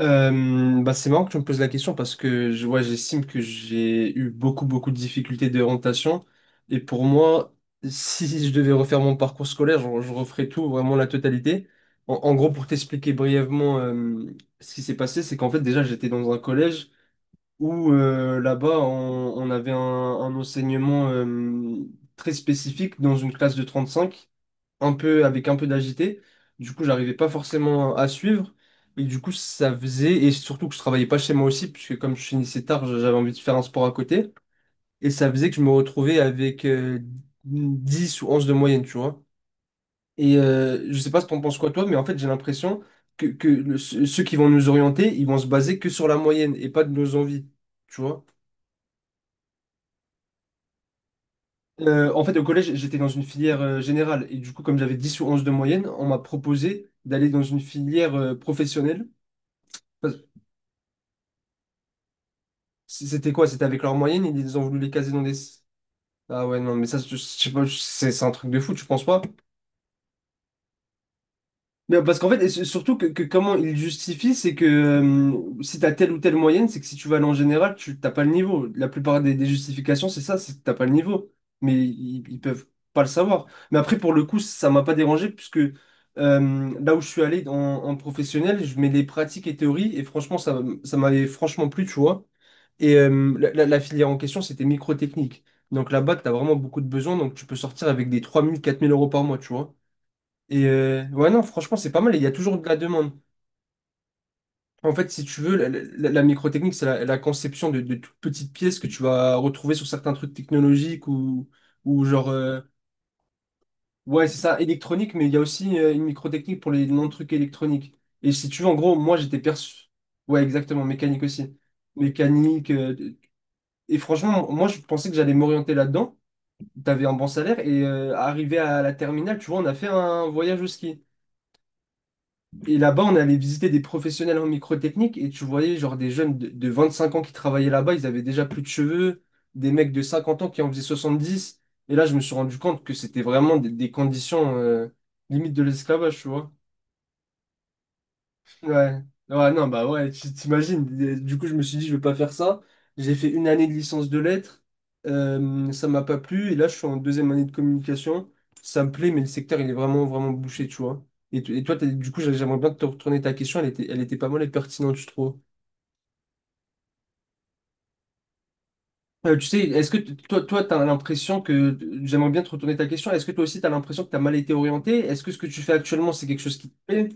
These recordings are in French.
Bah c'est marrant que tu me poses la question parce que j'estime que j'ai eu beaucoup de difficultés d'orientation. Et pour moi, si je devais refaire mon parcours scolaire, je referais tout, vraiment la totalité. En gros, pour t'expliquer brièvement ce qui s'est passé, c'est qu'en fait, déjà, j'étais dans un collège où là-bas, on avait un enseignement très spécifique dans une classe de 35 un peu, avec un peu d'agité. Du coup, j'arrivais pas forcément à suivre. Et du coup, ça faisait, et surtout que je travaillais pas chez moi aussi, puisque comme je finissais tard, j'avais envie de faire un sport à côté. Et ça faisait que je me retrouvais avec 10 ou 11 de moyenne, tu vois. Je sais pas ce que t'en penses quoi, toi, mais en fait, j'ai l'impression ceux qui vont nous orienter, ils vont se baser que sur la moyenne et pas de nos envies, tu vois. En fait, au collège, j'étais dans une filière générale. Et du coup, comme j'avais 10 ou 11 de moyenne, on m'a proposé d'aller dans une filière professionnelle. Parce- C'était quoi? C'était avec leur moyenne, ils ont voulu les caser dans des... Ah ouais, non, mais ça, je sais pas, c'est un truc de fou, tu penses pas? Mais parce qu'en fait, et surtout que comment ils justifient, c'est que si t'as telle ou telle moyenne, c'est que si tu vas aller en général, tu t'as pas le niveau. La plupart des justifications, c'est ça, c'est que t'as pas le niveau. Mais ils peuvent pas le savoir. Mais après, pour le coup, ça m'a pas dérangé, puisque là où je suis allé en, en professionnel, je mets les pratiques et théories, et franchement, ça m'avait franchement plu, tu vois. La filière en question, c'était microtechnique. Donc là-bas, tu as vraiment beaucoup de besoins. Donc tu peux sortir avec des 3000 4000 euros par mois, tu vois. Ouais, non, franchement, c'est pas mal. Et il y a toujours de la demande. En fait, si tu veux, la microtechnique, c'est la conception de toutes petites pièces que tu vas retrouver sur certains trucs technologiques ou, ou genre. euh, ouais, c'est ça, électronique, mais il y a aussi une microtechnique pour les non-trucs électroniques. Et si tu veux, en gros, moi, j'étais perçu. Ouais, exactement, mécanique aussi. Mécanique. Et franchement, moi, je pensais que j'allais m'orienter là-dedans. T'avais un bon salaire et arrivé à la terminale, tu vois, on a fait un voyage au ski. Et là-bas, on allait visiter des professionnels en microtechnique et tu voyais genre des jeunes de 25 ans qui travaillaient là-bas, ils avaient déjà plus de cheveux, des mecs de 50 ans qui en faisaient 70. Et là, je me suis rendu compte que c'était vraiment des conditions limite de l'esclavage, tu vois. Ouais, ouais, non, bah ouais, t'imagines. Et du coup, je me suis dit, je vais pas faire ça. J'ai fait une année de licence de lettres. Ça m'a pas plu. Et là, je suis en deuxième année de communication. Ça me plaît, mais le secteur, il est vraiment bouché, tu vois. Et toi, du coup, j'aimerais bien te retourner ta question. Elle était pas mal et pertinente, je trouve. Tu sais, est-ce que t- toi, toi, t'as l'impression que j'aimerais bien te retourner ta question. Est-ce que toi aussi, t'as l'impression que t'as mal été orienté? Est-ce que ce que tu fais actuellement, c'est quelque chose qui te plaît?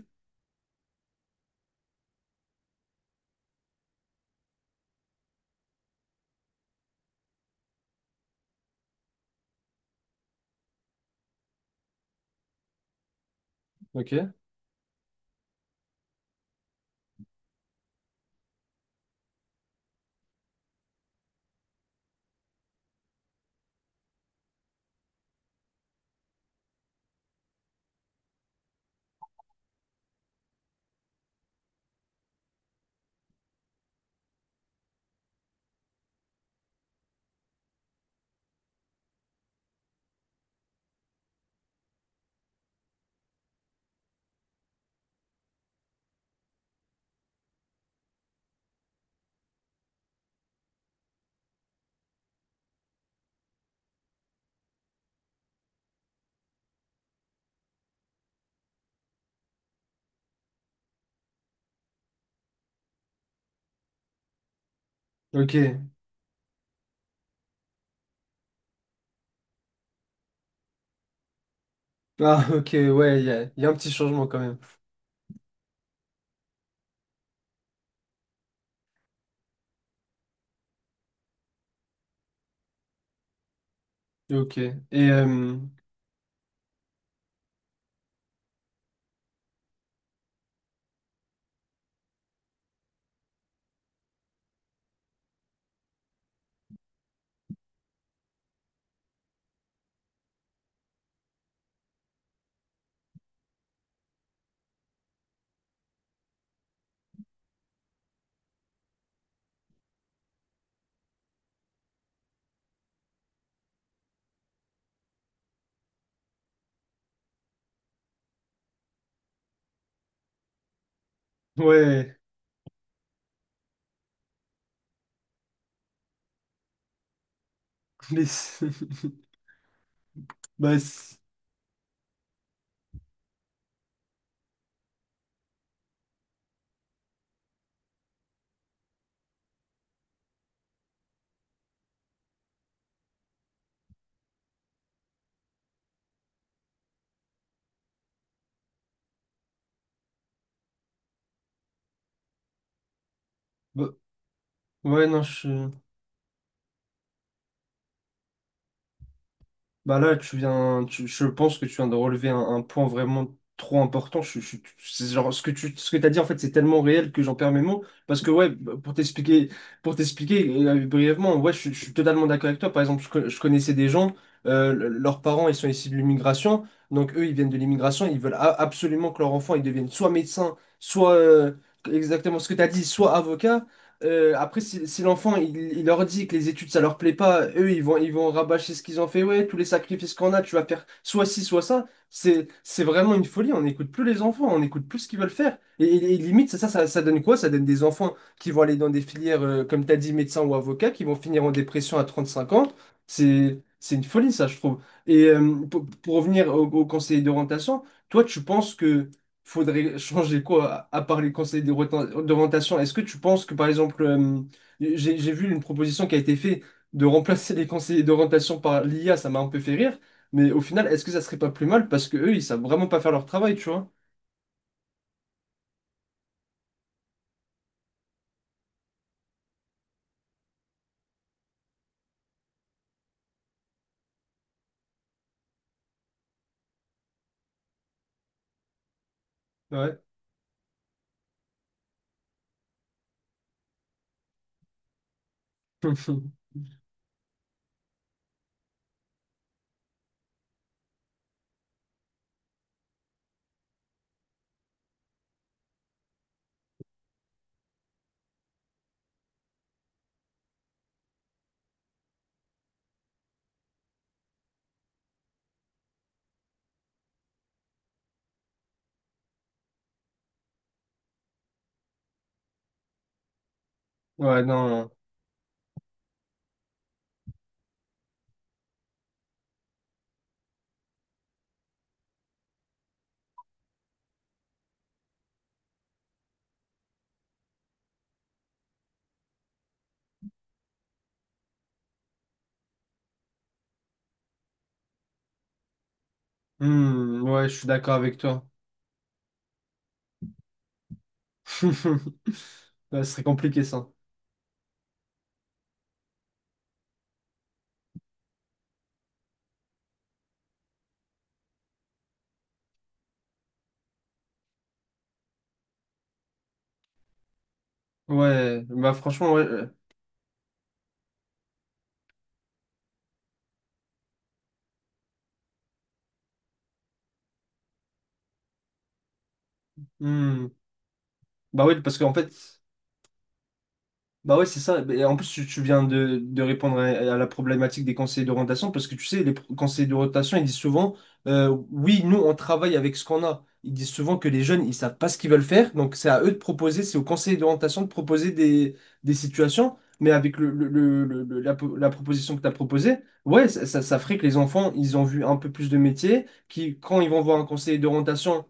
Ok. Ok. Ah, ok. Ouais, y a un petit changement quand même. Ok. Euh, ouais, les... bah, c'est- Bah, ouais, non, je... Bah là, je pense que tu viens de relever un point vraiment trop important. C'est genre, ce que t'as dit, en fait, c'est tellement réel que j'en perds mes mots. Parce que, ouais, bah, pour t'expliquer brièvement, ouais, je suis totalement d'accord avec toi. Par exemple, je connaissais des gens, leurs parents, ils sont issus de l'immigration. Donc, eux, ils viennent de l'immigration. Ils veulent absolument que leur enfant, ils deviennent soit médecin, soit exactement ce que tu as dit, soit avocat. Après, si l'enfant il leur dit que les études ça leur plaît pas, eux ils vont rabâcher ce qu'ils ont fait. Ouais, tous les sacrifices qu'on a, tu vas faire soit ci, soit ça. C'est vraiment une folie. On n'écoute plus les enfants, on n'écoute plus ce qu'ils veulent faire. Et limite, ça donne quoi? Ça donne des enfants qui vont aller dans des filières, comme tu as dit, médecin ou avocat, qui vont finir en dépression à 35 ans. C'est une folie, ça, je trouve. Pour revenir au conseiller d'orientation, toi, tu penses que faudrait changer quoi, à part les conseils d'orientation? Est-ce que tu penses que, par exemple, j'ai vu une proposition qui a été faite de remplacer les conseillers d'orientation par l'IA, ça m'a un peu fait rire, mais au final, est-ce que ça serait pas plus mal parce que eux, ils savent vraiment pas faire leur travail, tu vois? Ouais. Ouais, non. Hmm, ouais, je suis d'accord avec toi. Ouais, ce serait compliqué ça. Ouais, bah franchement, ouais. hmm. Bah oui, parce qu'en fait. Bah ouais, c'est ça. Bah, et en plus, tu viens de répondre à la problématique des conseillers d'orientation parce que tu sais, conseillers d'orientation, ils disent souvent, oui, nous, on travaille avec ce qu'on a. Ils disent souvent que les jeunes, ils savent pas ce qu'ils veulent faire. Donc, c'est à eux de proposer, c'est aux conseillers d'orientation de proposer des situations. Mais avec la proposition que tu as proposée, ouais, ça ferait que les enfants, ils ont vu un peu plus de métiers, qui, quand ils vont voir un conseiller d'orientation,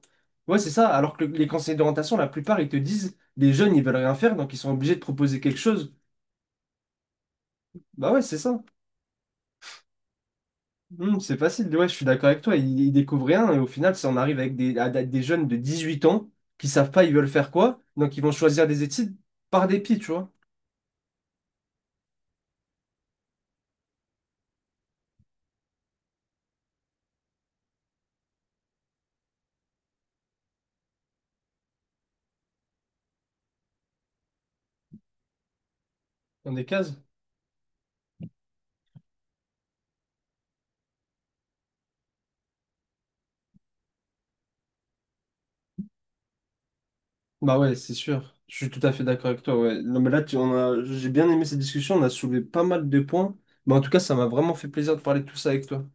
ouais, c'est ça. Alors que les conseillers d'orientation, la plupart, ils te disent, les jeunes, ils veulent rien faire, donc ils sont obligés de proposer quelque chose. Bah ouais, c'est ça. Hmm, c'est facile. Ouais, je suis d'accord avec toi. Ils découvrent rien et au final, ça en arrive avec des, à des jeunes de 18 ans qui savent pas ils veulent faire quoi, donc ils vont choisir des études par dépit, tu vois, dans des cases. Bah ouais, c'est sûr. Je suis tout à fait d'accord avec toi. Ouais. Non, mais là, j'ai bien aimé cette discussion. On a soulevé pas mal de points. Mais en tout cas, ça m'a vraiment fait plaisir de parler de tout ça avec toi.